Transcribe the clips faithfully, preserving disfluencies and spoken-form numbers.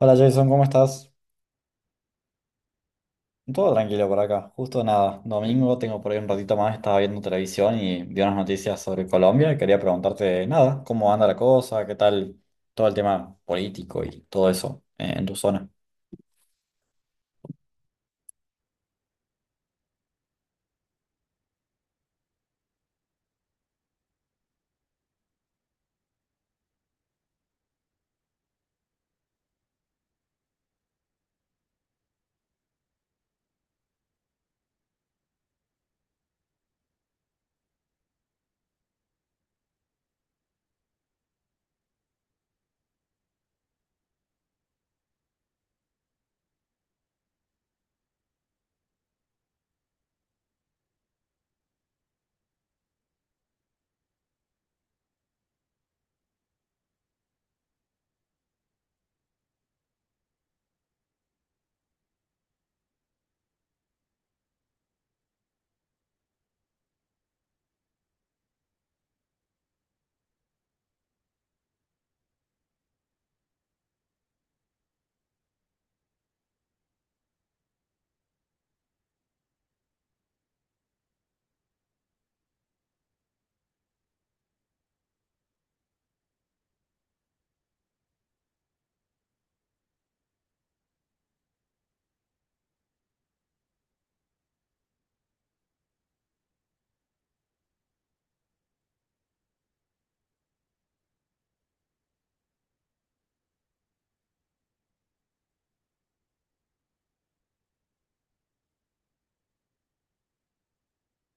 Hola Jason, ¿cómo estás? Todo tranquilo por acá. Justo nada, domingo tengo por ahí un ratito más, estaba viendo televisión y vi unas noticias sobre Colombia y quería preguntarte nada, cómo anda la cosa, qué tal todo el tema político y todo eso eh, en tu zona.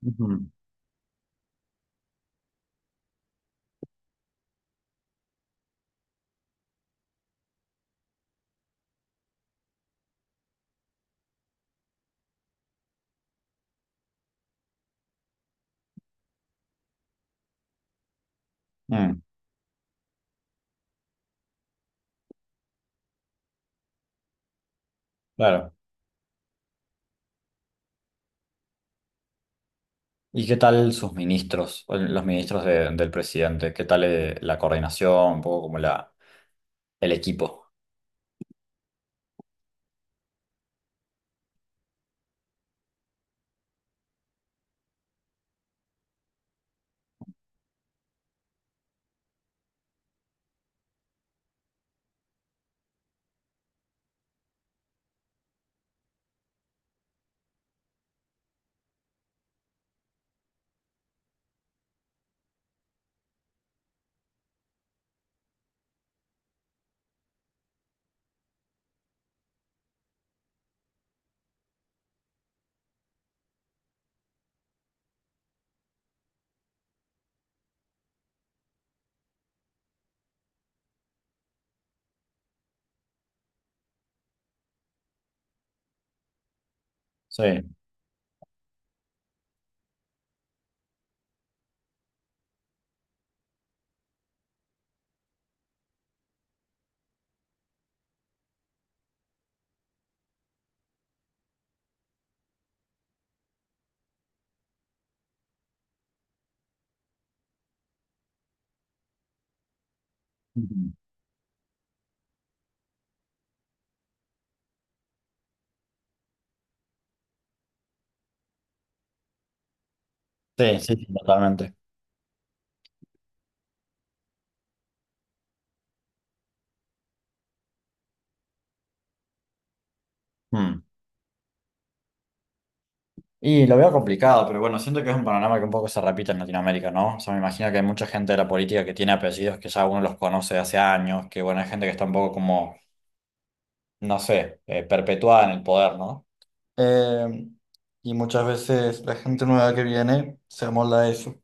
Ujú. Mm, claro. ¿Y qué tal sus ministros, o los ministros de- del presidente? ¿Qué tal eh, la coordinación, un poco como la, el equipo? Sí. Ujú. Sí, sí, sí, totalmente. Mm. Y lo veo complicado, pero bueno, siento que es un panorama que un poco se repite en Latinoamérica, ¿no? O sea, me imagino que hay mucha gente de la política que tiene apellidos que ya uno los conoce de hace años, que bueno, hay gente que está un poco como, no sé, eh, perpetuada en el poder, ¿no? Eh, y muchas veces la gente nueva que viene se amolda a eso.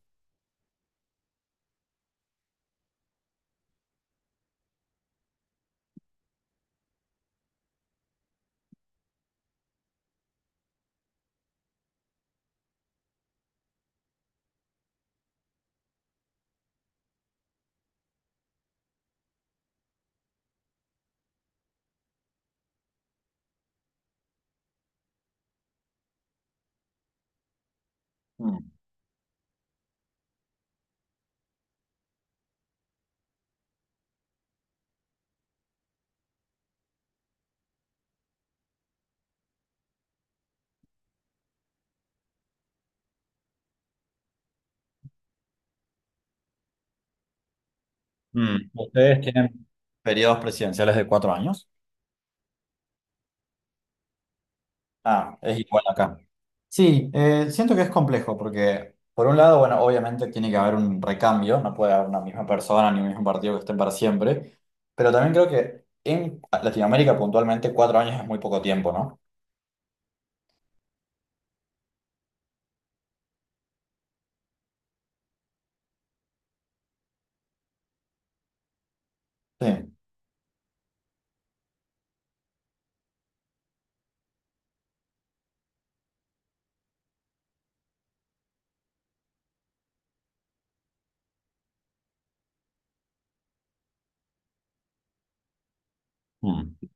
Mm. Mm. ¿Ustedes tienen periodos presidenciales de cuatro años? Ah, es igual acá. Sí, eh, siento que es complejo porque, por un lado, bueno, obviamente tiene que haber un recambio, no puede haber una misma persona ni un mismo partido que estén para siempre, pero también creo que en Latinoamérica puntualmente cuatro años es muy poco tiempo, ¿no? Sí. Mm.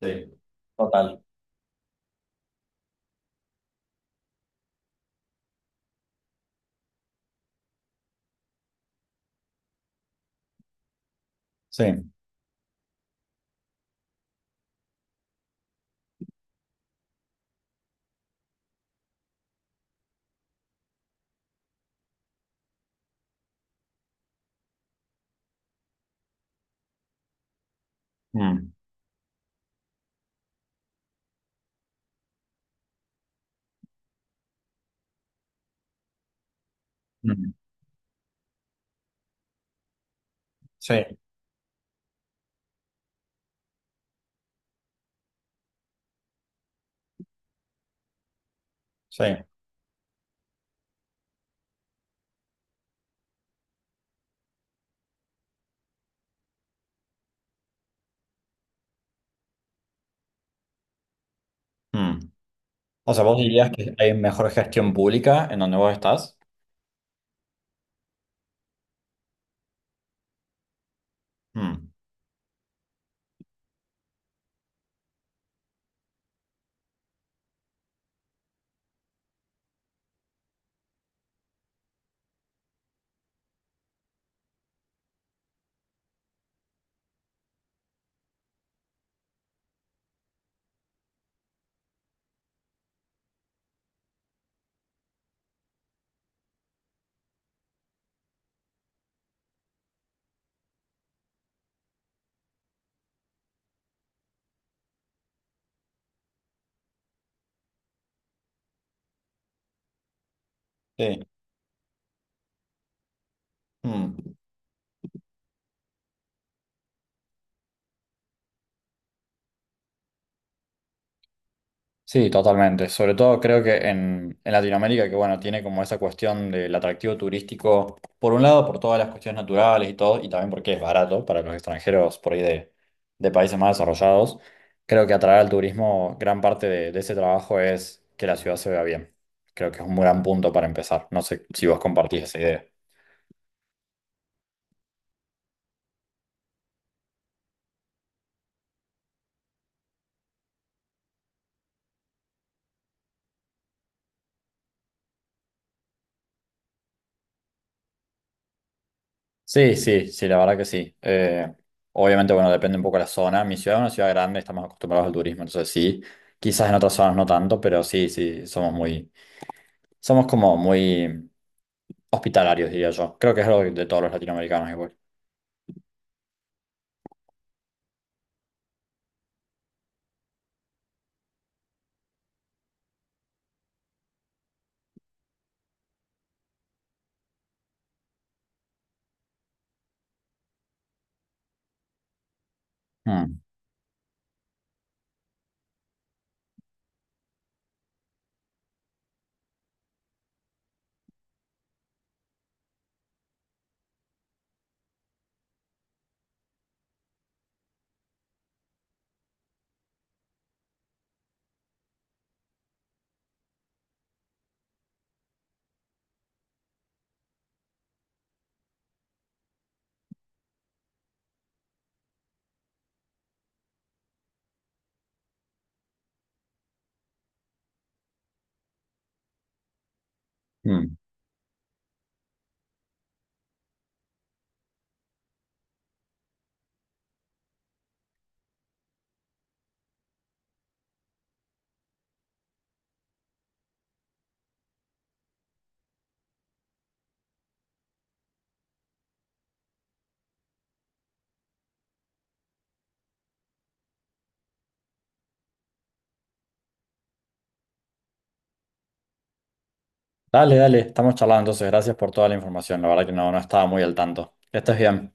Sí. Total. Sí. Mm. Mm. Sí. Sí. Mm. O sea, vos dirías que hay mejor gestión pública en donde vos estás. Mm. Sí. Mm. Sí, totalmente. Sobre todo creo que en, en Latinoamérica, que bueno, tiene como esa cuestión del atractivo turístico, por un lado, por todas las cuestiones naturales y todo, y también porque es barato para los extranjeros por ahí de, de países más desarrollados. Creo que atraer al turismo, gran parte de, de ese trabajo es que la ciudad se vea bien. Creo que es un gran punto para empezar. No sé si vos compartís esa idea. Sí, sí, sí, la verdad que sí. Eh, obviamente, bueno, depende un poco de la zona. Mi ciudad es una ciudad grande, estamos acostumbrados al turismo, entonces sí. Quizás en otras zonas no tanto, pero sí, sí, somos muy, somos como muy hospitalarios, diría yo. Creo que es algo de todos los latinoamericanos igual. Mm, mm. Dale, dale, estamos charlando, entonces gracias por toda la información. La verdad que no, no estaba muy al tanto. Que estés bien.